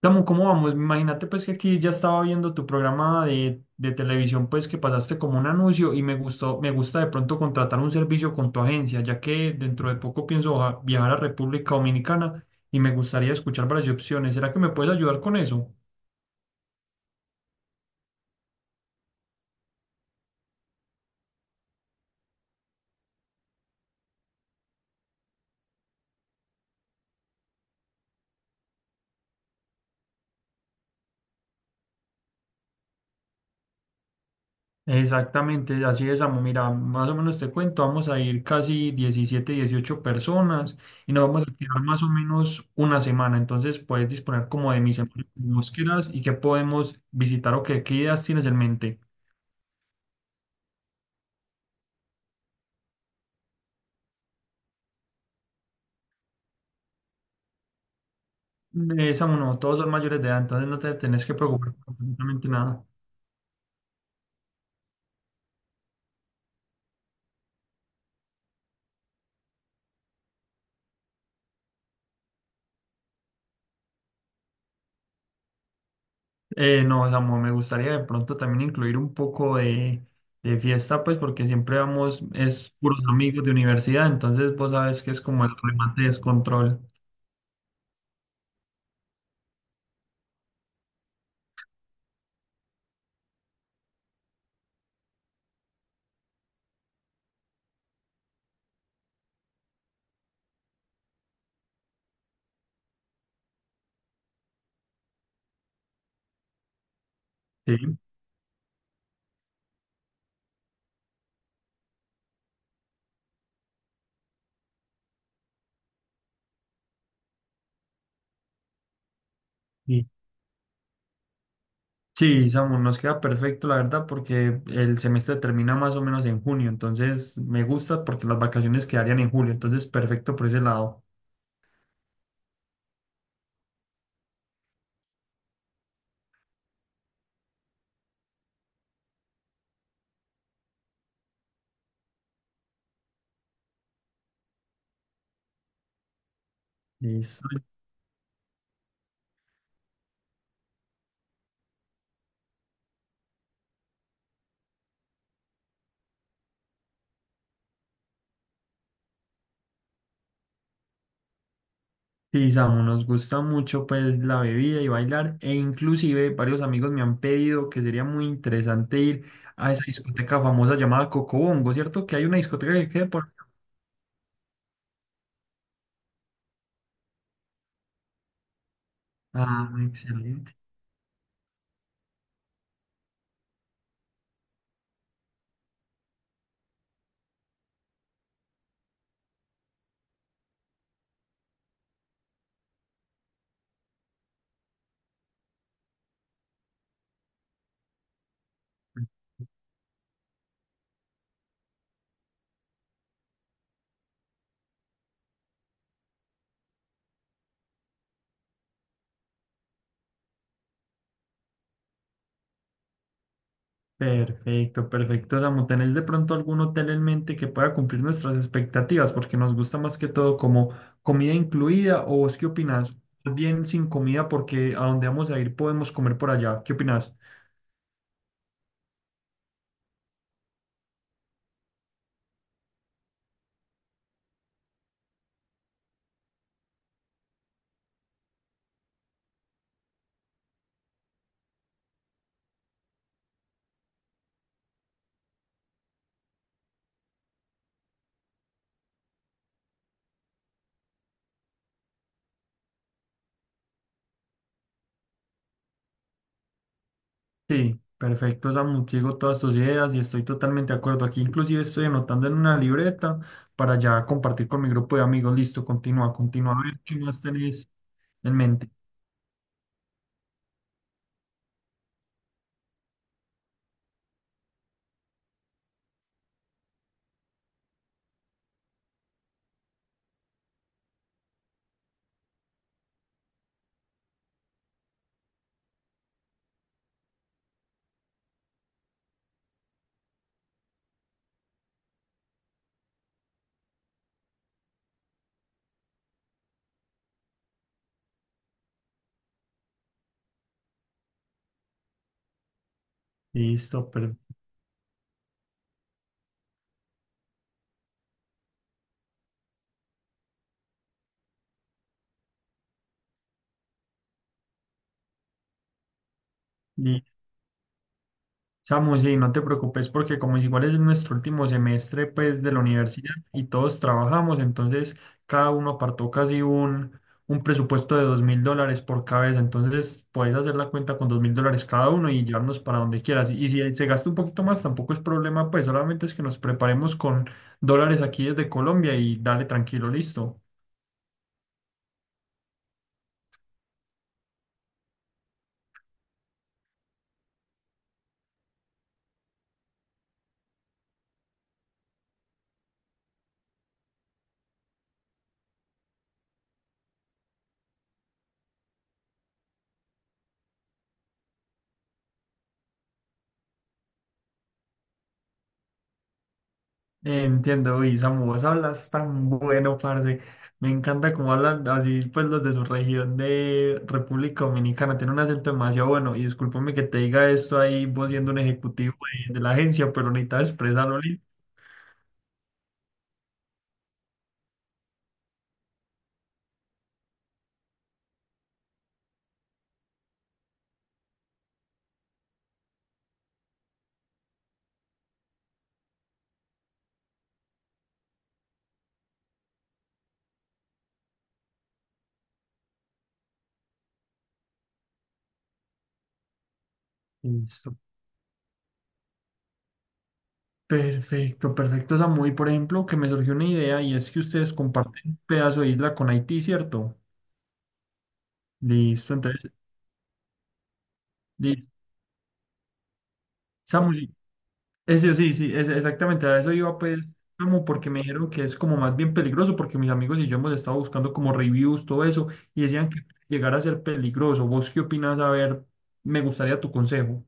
Samu, ¿cómo vamos? Imagínate, pues, que aquí ya estaba viendo tu programa de televisión, pues que pasaste como un anuncio y me gustó, me gusta de pronto contratar un servicio con tu agencia, ya que dentro de poco pienso viajar a República Dominicana y me gustaría escuchar varias opciones. ¿Será que me puedes ayudar con eso? Exactamente, así es, amo. Mira, más o menos te cuento, vamos a ir casi 17 18 personas y nos vamos a quedar más o menos una semana. Entonces puedes disponer como de mis semanas quieras y qué podemos visitar o qué ideas tienes en mente. Samu, no, todos son mayores de edad, entonces no te tenés que preocupar por absolutamente nada. No, Samu, me gustaría de pronto también incluir un poco de fiesta, pues porque siempre vamos, es puros amigos de universidad, entonces vos sabes que es como el remate de descontrol. Sí. Sí, sí, Samu, nos queda perfecto, la verdad, porque el semestre termina más o menos en junio, entonces me gusta porque las vacaciones quedarían en julio, entonces perfecto por ese lado. Listo. Sí, Samu, nos gusta mucho pues la bebida y bailar, e inclusive varios amigos me han pedido que sería muy interesante ir a esa discoteca famosa llamada Cocobongo, ¿cierto? Que hay una discoteca que quede por... Ah, excelente. Perfecto, perfecto. Samu, ¿tenés de pronto algún hotel en mente que pueda cumplir nuestras expectativas? Porque nos gusta más que todo como comida incluida, ¿o vos qué opinás? Bien sin comida porque a donde vamos a ir podemos comer por allá. ¿Qué opinás? Sí, perfecto, Samu. Sigo todas tus ideas y estoy totalmente de acuerdo. Aquí inclusive estoy anotando en una libreta para ya compartir con mi grupo de amigos. Listo, continúa, continúa. A ver qué más tenés en mente. Listo, perfecto. Samu, sí, no te preocupes porque como igual es nuestro último semestre pues de la universidad y todos trabajamos, entonces cada uno apartó casi un presupuesto de $2,000 por cabeza, entonces puedes hacer la cuenta con $2,000 cada uno y llevarnos para donde quieras. Y si se gasta un poquito más tampoco es problema, pues solamente es que nos preparemos con dólares aquí desde Colombia y dale tranquilo, listo. Entiendo, uy, Samu, vos hablas tan bueno, parce. Me encanta cómo hablan así, pues los de su región de República Dominicana. Tienen un acento demasiado bueno. Y discúlpame que te diga esto ahí, vos siendo un ejecutivo de la agencia, pero necesitaba expresarlo. Listo. Perfecto, perfecto, Samu. Y, por ejemplo, que me surgió una idea y es que ustedes comparten un pedazo de isla con Haití, ¿cierto? Listo, entonces, li- Samu, eso sí, sí, es, exactamente, a eso iba pues, como porque me dijeron que es como más bien peligroso, porque mis amigos y yo hemos estado buscando como reviews, todo eso, y decían que llegar a ser peligroso. ¿Vos qué opinas? A ver, me gustaría tu consejo.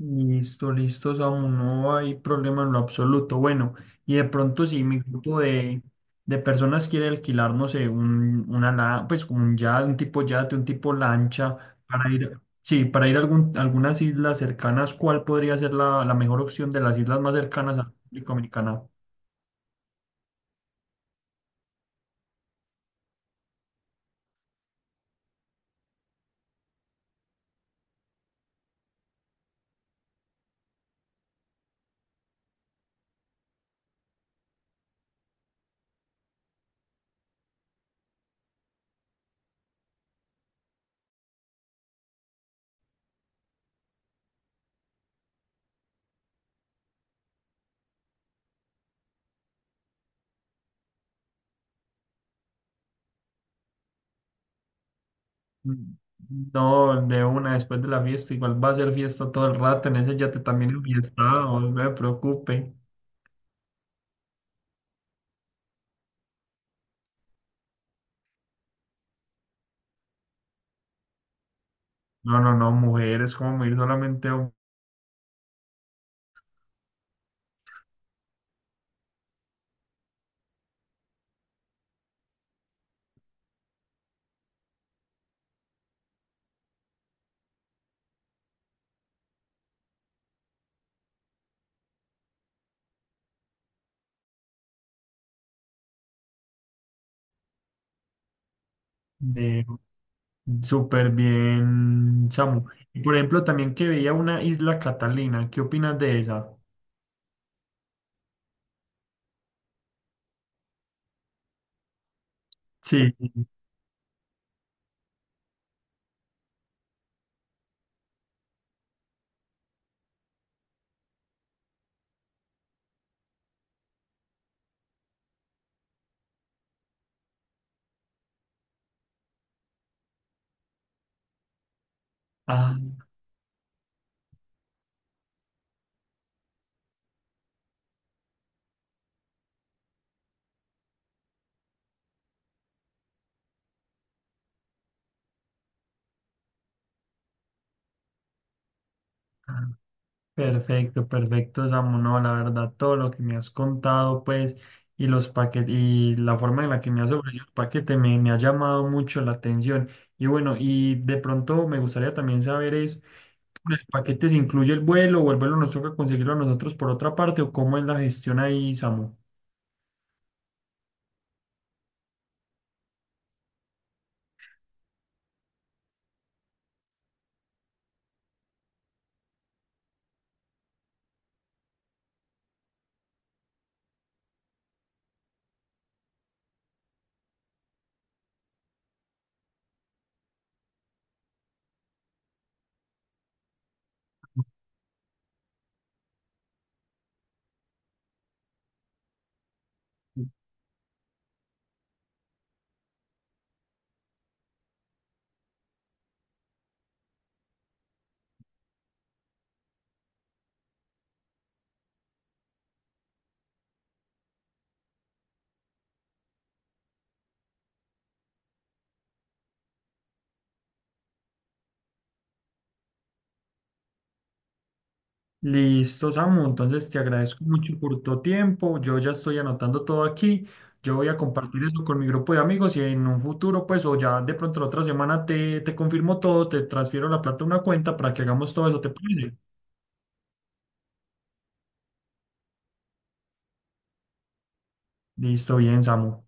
Listo, listo, Samu, no hay problema en lo absoluto. Bueno, y de pronto si mi grupo de personas quiere alquilar, no sé, pues como un yate, un tipo lancha, para ir, sí, para ir a algunas islas cercanas, ¿cuál podría ser la mejor opción de las islas más cercanas a la República Dominicana? Mm, No, de una, después de la fiesta, igual va a ser fiesta todo el rato, en ese yate también es fiesta, no me preocupe. No, no, no, mujeres, como ir solamente a un- de Súper bien, Samu. Y, por ejemplo, también que veía una isla Catalina. ¿Qué opinas de esa? Sí. Ah, ah, perfecto, perfecto, Samu. No, la verdad, todo lo que me has contado, pues, y los paquetes, y la forma en la que me has ofrecido el paquete me ha llamado mucho la atención. Y bueno, y de pronto me gustaría también saber es, ¿el paquete se incluye el vuelo o el vuelo nos toca conseguirlo a nosotros por otra parte o cómo es la gestión ahí, Samu? Listo, Samu. Entonces te agradezco mucho por tu tiempo. Yo ya estoy anotando todo aquí. Yo voy a compartir eso con mi grupo de amigos y en un futuro, pues, o ya de pronto la otra semana te confirmo todo, te transfiero la plata a una cuenta para que hagamos todo eso, ¿te parece? Listo, bien, Samu.